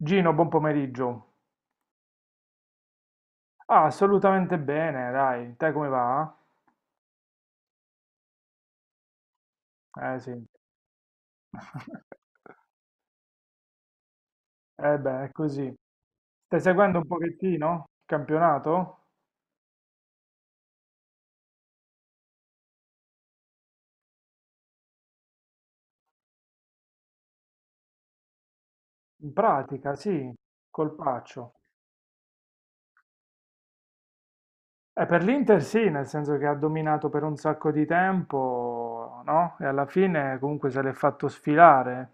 Gino, buon pomeriggio. Ah, assolutamente bene, dai. Te come va? Eh sì. Eh beh, è così. Stai seguendo un pochettino il campionato? In pratica, sì, colpaccio. Per l'Inter sì, nel senso che ha dominato per un sacco di tempo, no? E alla fine comunque se l'è fatto sfilare.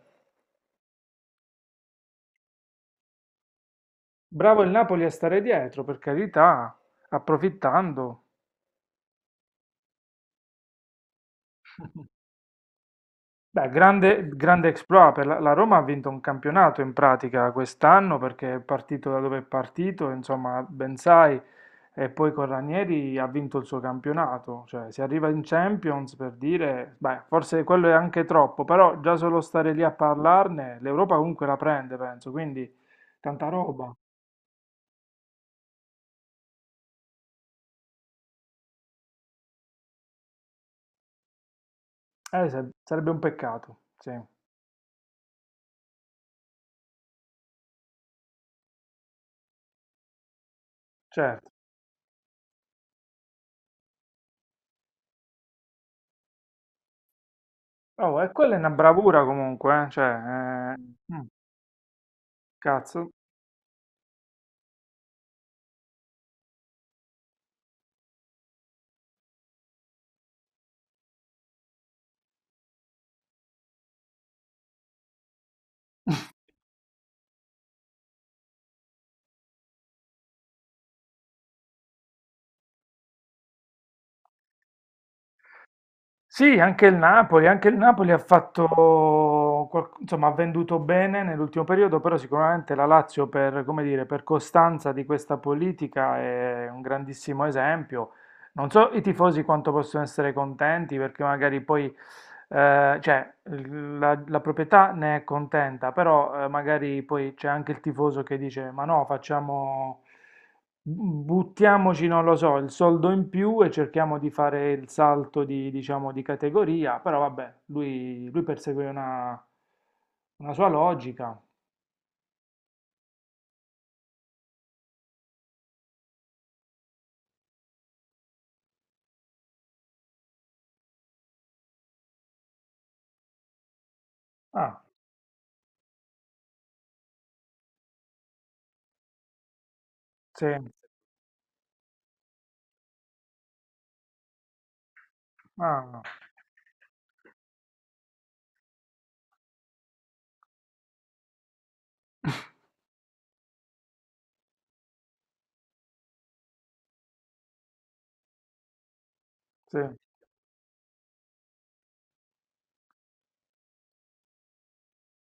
Bravo il Napoli a stare dietro, per carità, approfittando. Beh, grande, grande exploit per la Roma ha vinto un campionato in pratica quest'anno perché è partito da dove è partito, insomma, ben sai, e poi con Ranieri ha vinto il suo campionato, cioè si arriva in Champions per dire, beh, forse quello è anche troppo, però già solo stare lì a parlarne, l'Europa comunque la prende, penso, quindi tanta roba. Sarebbe un peccato, sì, certo. Oh, e quella è una bravura comunque, cioè, mm, cazzo. Sì, anche il Napoli, ha fatto, insomma, ha venduto bene nell'ultimo periodo, però sicuramente la Lazio per, come dire, per costanza di questa politica è un grandissimo esempio. Non so i tifosi quanto possono essere contenti perché magari poi, cioè, la proprietà ne è contenta, però magari poi c'è anche il tifoso che dice, ma no, facciamo, buttiamoci, non lo so, il soldo in più e cerchiamo di fare il salto di, diciamo, di categoria, però vabbè, lui persegue una sua logica. Ah, sì, ah, sì.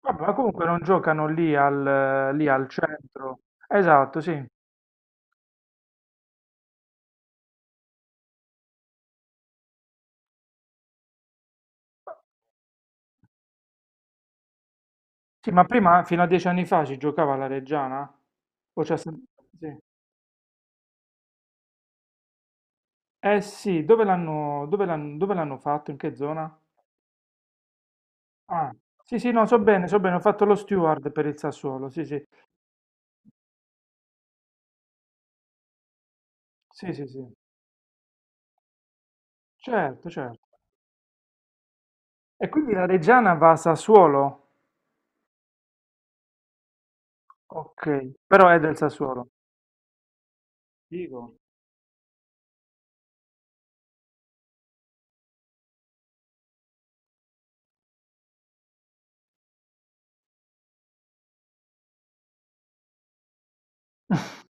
Vabbè, ma comunque non giocano lì al centro. Esatto, sì. Sì, ma prima, fino a dieci anni fa, si giocava alla Reggiana? O c'è sì. Eh sì, dove l'hanno fatto? In che zona? Ah, sì, sì, no, so bene, ho fatto lo steward per il Sassuolo, sì, sì, sì, sì, sì. Certo, certo. E quindi la Reggiana va a Sassuolo? Ok, però è del Sassuolo. Dico.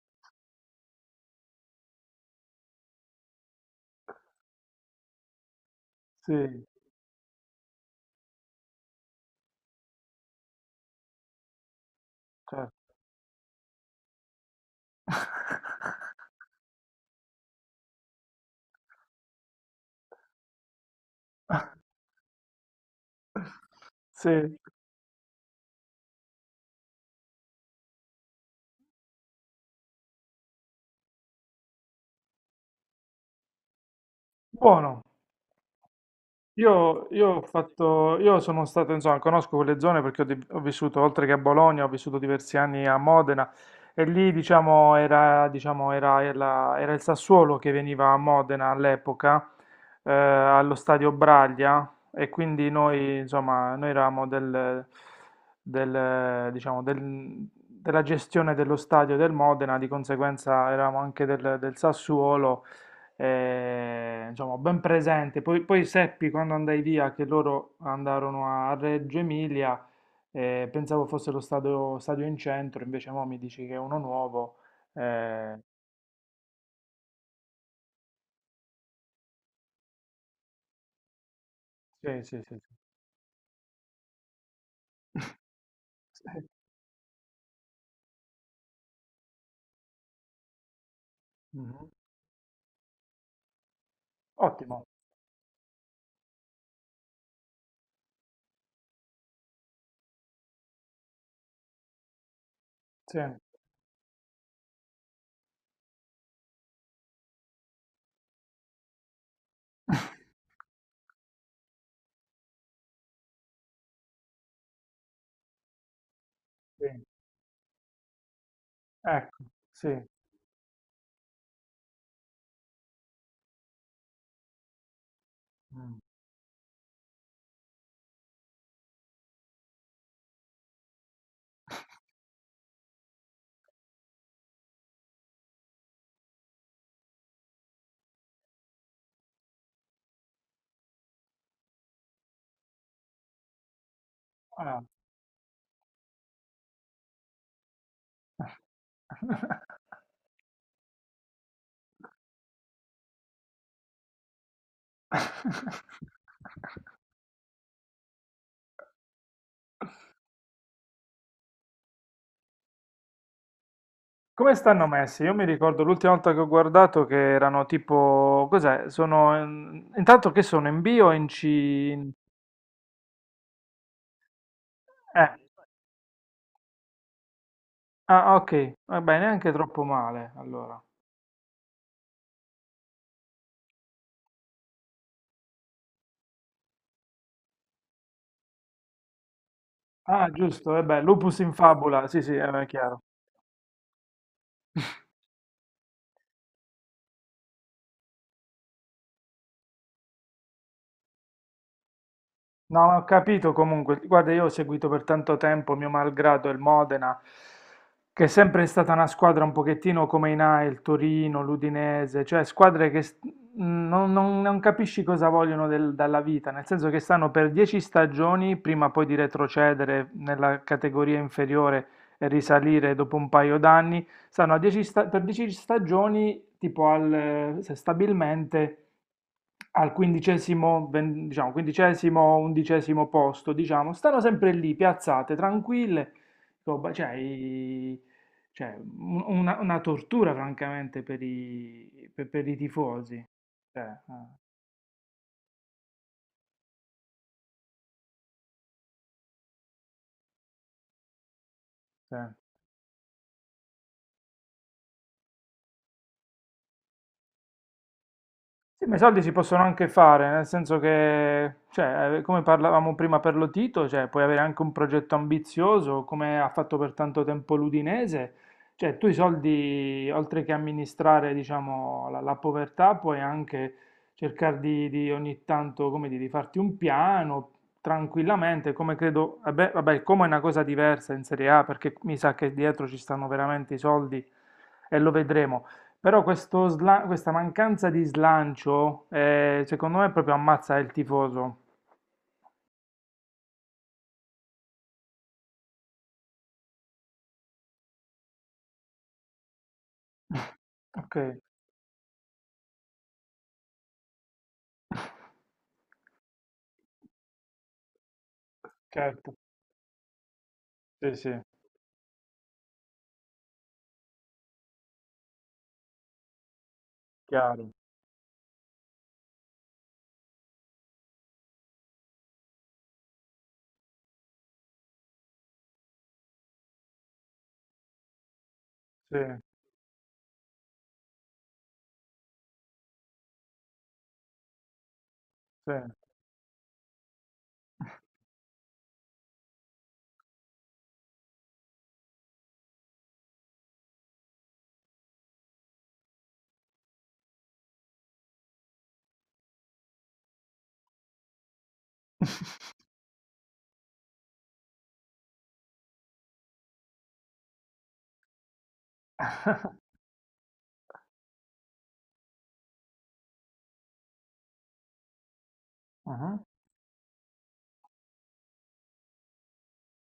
Sì, certo. Sì. Buono. Io ho fatto, io sono stato, insomma, conosco quelle zone perché ho vissuto, oltre che a Bologna, ho vissuto diversi anni a Modena e lì, diciamo, era il Sassuolo che veniva a Modena all'epoca, allo stadio Braglia e quindi noi, insomma, noi eravamo diciamo, della gestione dello stadio del Modena, di conseguenza eravamo anche del Sassuolo insomma, ben presente. Poi seppi quando andai via che loro andarono a Reggio Emilia, pensavo fosse lo stadio, stadio in centro, invece mo mi dici che è uno nuovo. eh, sì, sì, sì, sì. Sì, mhm. Ottimo, sì, sì. Ecco, sì. Mm. Ah. Come stanno messi? Io mi ricordo l'ultima volta che ho guardato che erano tipo, cos'è? Sono intanto che sono in B o in C? Eh. Ah, ok, vabbè, neanche troppo male allora. Ah, giusto, vabbè, lupus in fabula, sì, sì, è chiaro. No, ma ho capito comunque. Guarda, io ho seguito per tanto tempo, mio malgrado, il Modena, che è sempre stata una squadra un pochettino come i Nai, il Torino, l'Udinese, cioè squadre che non capisci cosa vogliono dalla vita, nel senso che stanno per 10 stagioni prima poi di retrocedere nella categoria inferiore e risalire dopo un paio d'anni, stanno per 10 stagioni tipo al, stabilmente al quindicesimo, diciamo, quindicesimo, undicesimo posto, diciamo, stanno sempre lì, piazzate, tranquille, cioè, una tortura francamente per i tifosi. Cioè, eh, sì. Sì, ma i soldi si possono anche fare, nel senso che, cioè, come parlavamo prima per Lotito, cioè, puoi avere anche un progetto ambizioso, come ha fatto per tanto tempo l'Udinese, cioè, tu i soldi, oltre che amministrare, diciamo, la povertà, puoi anche cercare di ogni tanto, come dire, di farti un piano tranquillamente, come credo, vabbè, vabbè, come è una cosa diversa in Serie A, perché mi sa che dietro ci stanno veramente i soldi e lo vedremo. Però questa mancanza di slancio, secondo me, proprio ammazza il tifoso. Ok, certo, sì, sì, chiaro, sì, sì. Mhm.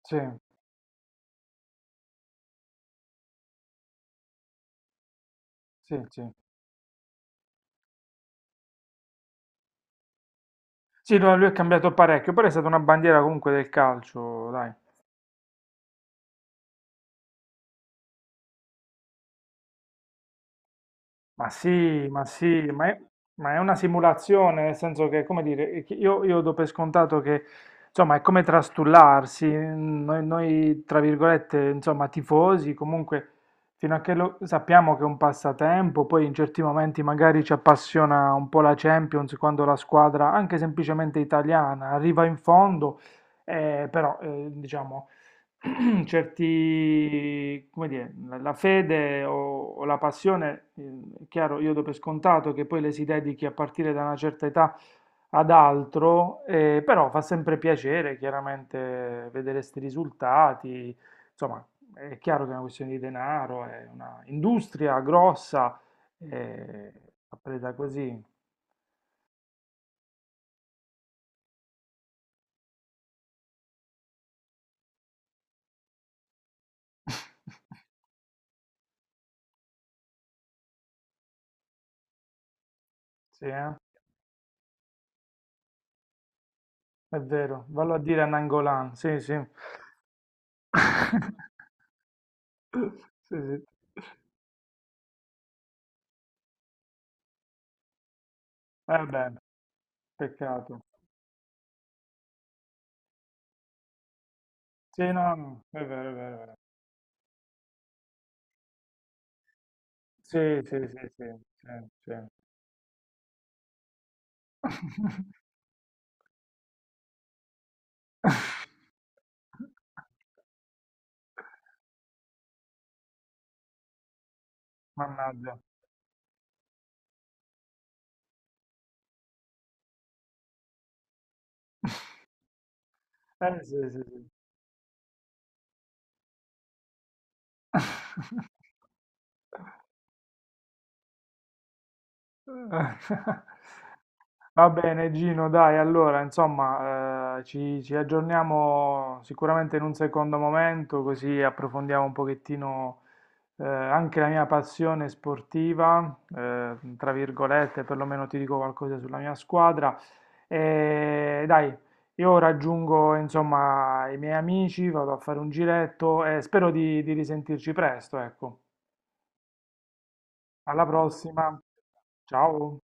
Sì, sì, sì. Sì, no, lui è cambiato parecchio, però è stata una bandiera comunque del calcio, dai. Ma sì, ma sì, ma è una simulazione, nel senso che, come dire, che io do per scontato che, insomma, è come trastullarsi, noi, tra virgolette, insomma, tifosi, comunque, fino a che lo, sappiamo che è un passatempo, poi in certi momenti magari ci appassiona un po' la Champions, quando la squadra, anche semplicemente italiana, arriva in fondo, però, diciamo, certi, come dire, la fede o la passione, è chiaro, io do per scontato che poi le si dedichi a partire da una certa età ad altro, però fa sempre piacere, chiaramente, vedere questi risultati. Insomma, è chiaro che è una questione di denaro, è una industria grossa, eh, l'ha presa così. Sì, eh? È vero, vallo a dire a Nangolan, sì, sì. Sì, sì. Eh beh, peccato. Sì, no, no, è vero, è vero, è vero. Sì, sì, sì, sì, sì, sì. Mannaggia. Sì, sì, sì. Va bene, Gino, dai, allora, insomma, ci aggiorniamo sicuramente in un secondo momento, così approfondiamo un pochettino anche la mia passione sportiva, tra virgolette, perlomeno ti dico qualcosa sulla mia squadra. E dai, io raggiungo, insomma, i miei amici, vado a fare un giretto e spero di risentirci presto, ecco. Alla prossima, ciao.